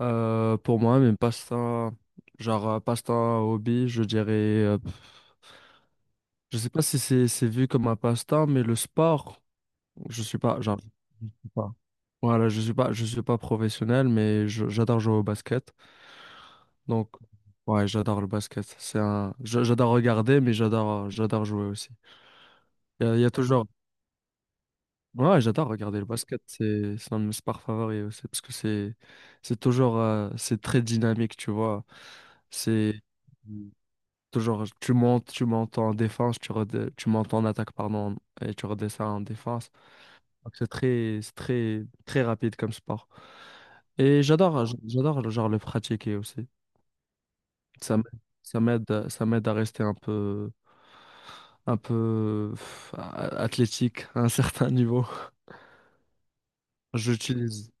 Pour moi, même passe-temps, genre passe-temps hobby, je dirais, je sais pas si c'est vu comme un passe-temps, mais le sport, je suis pas, genre, je suis pas. Voilà, je suis pas professionnel, mais j'adore jouer au basket. Donc, ouais, j'adore le basket. J'adore regarder, mais j'adore, j'adore jouer aussi. Il y a toujours, Ouais, j'adore regarder le basket. C'est un de mes sports favoris aussi, parce que c'est toujours, c'est très dynamique, tu vois. C'est, Toujours, tu montes en défense, tu montes en attaque, pardon, et tu redescends en défense. Donc, c'est très, très rapide comme sport. Et j'adore genre le pratiquer aussi. Ça m- ça m'aide à rester un peu, athlétique à un certain niveau. J'utilise,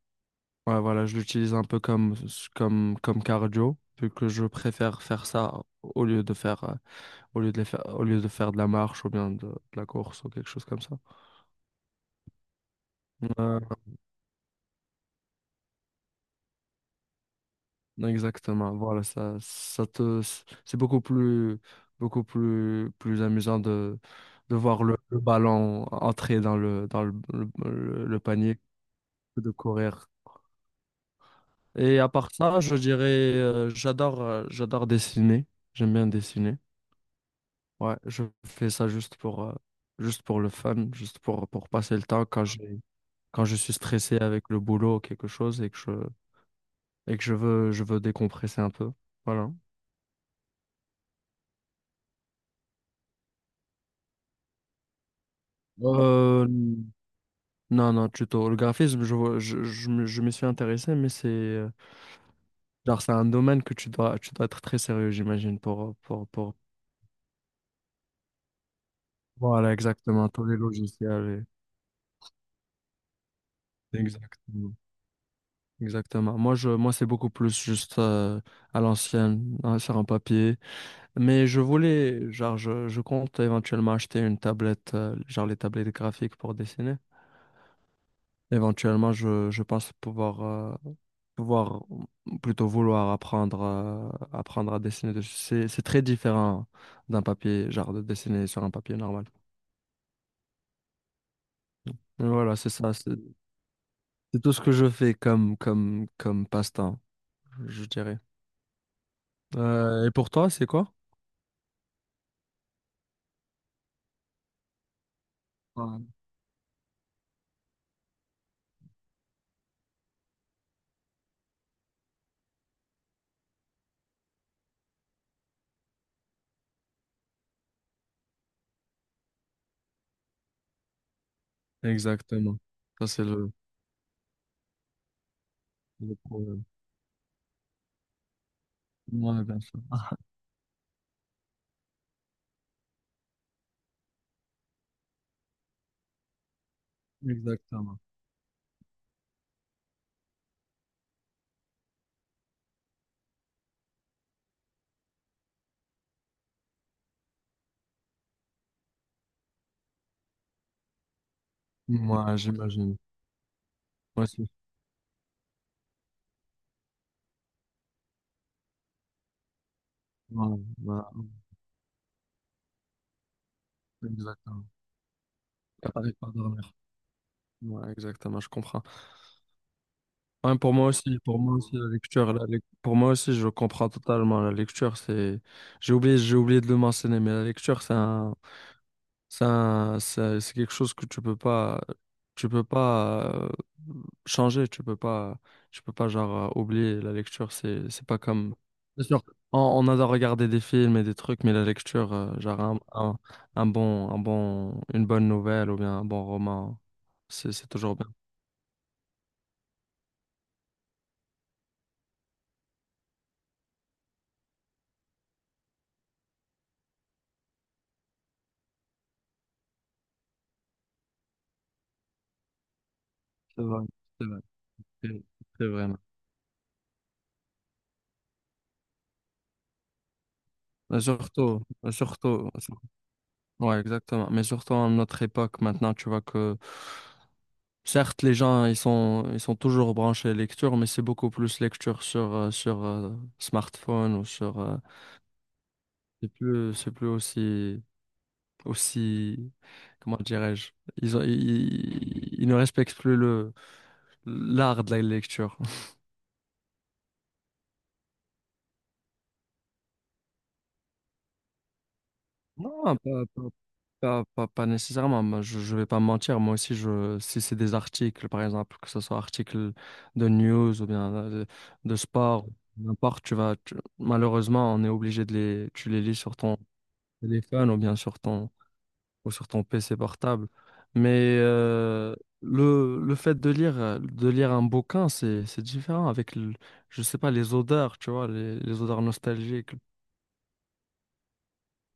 ouais, voilà, je l'utilise un peu comme, comme cardio, vu que je préfère faire ça au lieu de faire. Au lieu de faire de la marche ou bien de la course ou quelque chose comme ça. Euh, Exactement, voilà, c'est beaucoup plus amusant de voir le ballon entrer dans le le panier que de courir. Et à part ça, je dirais, j'adore dessiner. J'aime bien dessiner. Ouais, je fais ça juste pour le fun, juste pour passer le temps quand je suis stressé avec le boulot ou quelque chose et que je veux décompresser un peu. Voilà. Euh, non, non, tuto. Le graphisme, je, vois- je, me- je m'y suis intéressé, mais c'est genre, c'est un domaine que tu dois être très sérieux, j'imagine, pour... Voilà, exactement, tous les logiciels. Exactement. Exactement. Moi, c'est beaucoup plus juste à l'ancienne, hein, sur un papier. Mais genre, je compte éventuellement acheter une tablette, genre les tablettes graphiques pour dessiner. Éventuellement, je pense pouvoir ou plutôt vouloir apprendre apprendre à dessiner dessus. C'est très différent d'un papier, genre de dessiner sur un papier normal. Mais voilà, c'est ça, c'est tout ce que je fais comme, comme passe-temps, je dirais. Et pour toi, c'est quoi? Ouais. Exactement. Ça, c'est le problème. Ouais, bien sûr. Exactement. Moi, j'imagine. Moi aussi. Ouais, ouais, exactement. T'arrives pas à dormir. Ouais, exactement, je comprends. Ouais, pour moi aussi, la lecture, pour moi aussi, je comprends totalement. La lecture, c'est, j'ai oublié de le mentionner, mais la lecture, c'est un, c'est un- c'est quelque chose que tu peux pas changer, tu peux pas genre oublier la lecture. C'est pas comme, bien sûr, on adore regarder des films et des trucs, mais la lecture, genre une bonne nouvelle ou bien un bon roman, c'est toujours bien. C'est vrai, c'est vrai, c'est c'est vrai. Mais Surtout, surtout, sur- ouais, exactement. Mais surtout à notre époque, maintenant, tu vois que certes, les gens, ils sont toujours branchés lecture, mais c'est beaucoup plus lecture sur, sur smartphone ou sur. C'est plus, c'est plus aussi, comment dirais-je, ils ne respectent plus l'art de la lecture. Non, pas nécessairement. Moi, je ne vais pas me mentir, moi aussi, si c'est des articles, par exemple, que ce soit articles de news ou bien sport, n'importe, malheureusement, on est obligé tu les lis sur ton téléphone ou bien sur ton PC portable. Mais le fait de lire un bouquin, c'est différent avec, je sais pas, les odeurs, tu vois, les odeurs nostalgiques.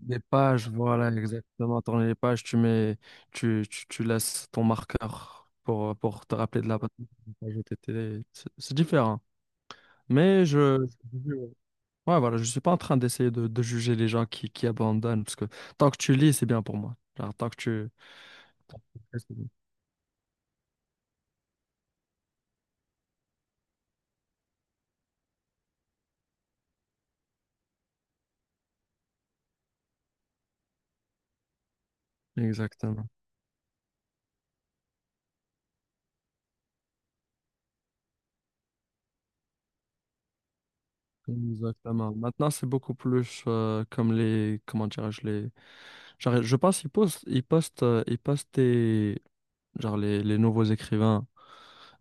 Des pages, voilà, exactement. Tourner les pages, tu mets, tu laisses ton marqueur pour te rappeler de la page OTT. C'est différent. Mais je- ouais, voilà, je suis pas en train d'essayer de juger les gens qui abandonnent, parce que tant que tu lis, c'est bien pour moi. Genre, tant que tu fais, c'est bien. Exactement. Exactement. Maintenant, c'est beaucoup plus comme les, comment dirais-je, les, genre, je pense qu'genre les nouveaux écrivains.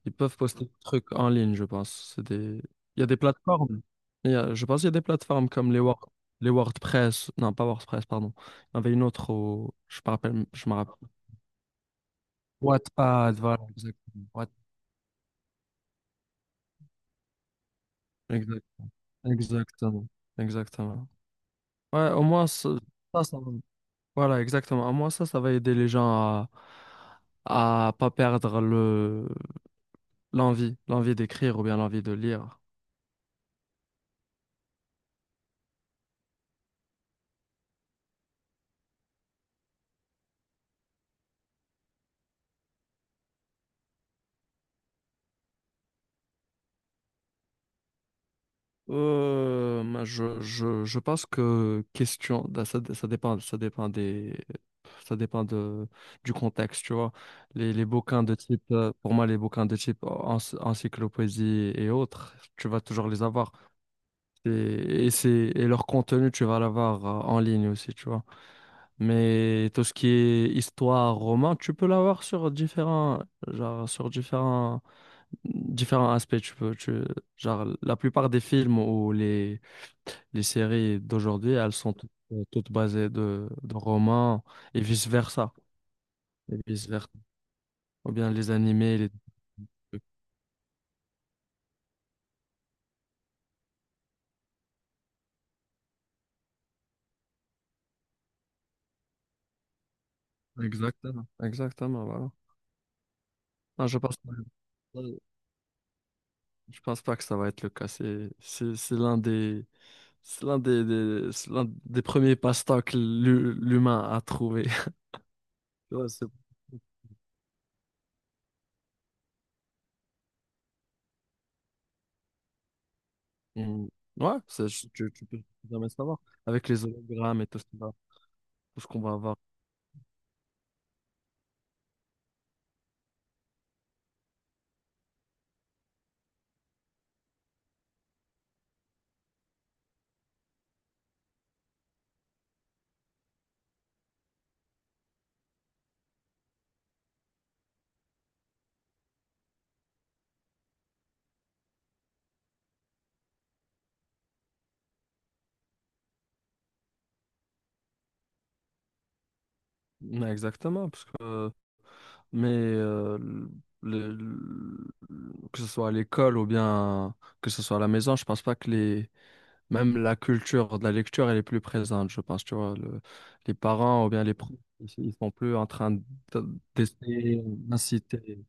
Ils peuvent poster des trucs en ligne, je pense. C'est des... Il y a des plateformes. Je pense qu'il y a des plateformes comme les WordPress. Non, pas WordPress, pardon. Il y en avait une autre au... Je me rappelle... Je me rappelle. Wattpad, voilà, exactement. Exact- Exactement. Exactement. Ouais, au moins, ça va. Voilà, exactement. Au moins, ça va aider les gens à pas perdre le... L'envie d'écrire ou bien l'envie de lire. Moi, je pense que question, bah, ça dépend du contexte, tu vois. Les bouquins de type, pour moi, les bouquins de type encyclopédie et autres, tu vas toujours les avoir. Et leur contenu, tu vas l'avoir en ligne aussi, tu vois. Mais tout ce qui est histoire, roman, tu peux l'avoir sur différents, genre, différents aspects. Genre, la plupart des films ou les séries d'aujourd'hui, elles sont toutes basées de romans et vice-versa. Et vice-versa. Ou bien les animés, les trucs. Exactement. Exactement, voilà. Non, je pense pas que ça va être le cas. C'est l'un des- c'est l'un des premiers passe-temps que l'humain a trouvé. Tu vois. On- Ouais, tu peux jamais savoir. Avec les hologrammes et tout ça, tout ce qu'on va avoir. Ouais, exactement, parce que, mais le- le- que ce soit à l'école ou bien que ce soit à la maison, je pense pas que les, même la culture de la lecture, elle est plus présente, je pense, tu vois, les parents ou bien les profs, ils sont plus en train d'essayer d'inciter.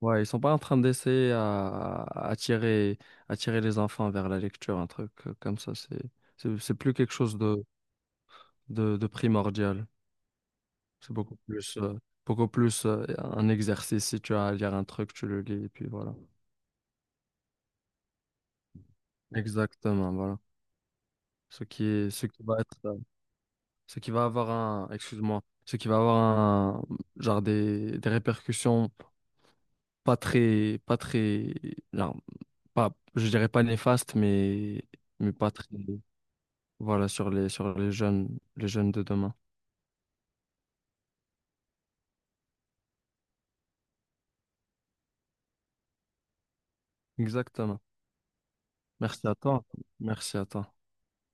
Ouais, ils sont pas en train d'essayer à attirer, attirer les enfants vers la lecture, un truc comme ça. C'est plus quelque chose de primordial. C'est beaucoup plus un exercice. Si tu as à lire un truc, tu le lis et puis voilà. Exactement, voilà. Ce qui est, ce qui va être, ce qui va avoir un, excuse-moi, Ce qui va avoir un, genre des répercussions pas très, pas très, non, pas, je dirais pas néfastes, mais pas très. Voilà, sur sur les jeunes de demain. Exactement. Merci à toi. Merci à toi.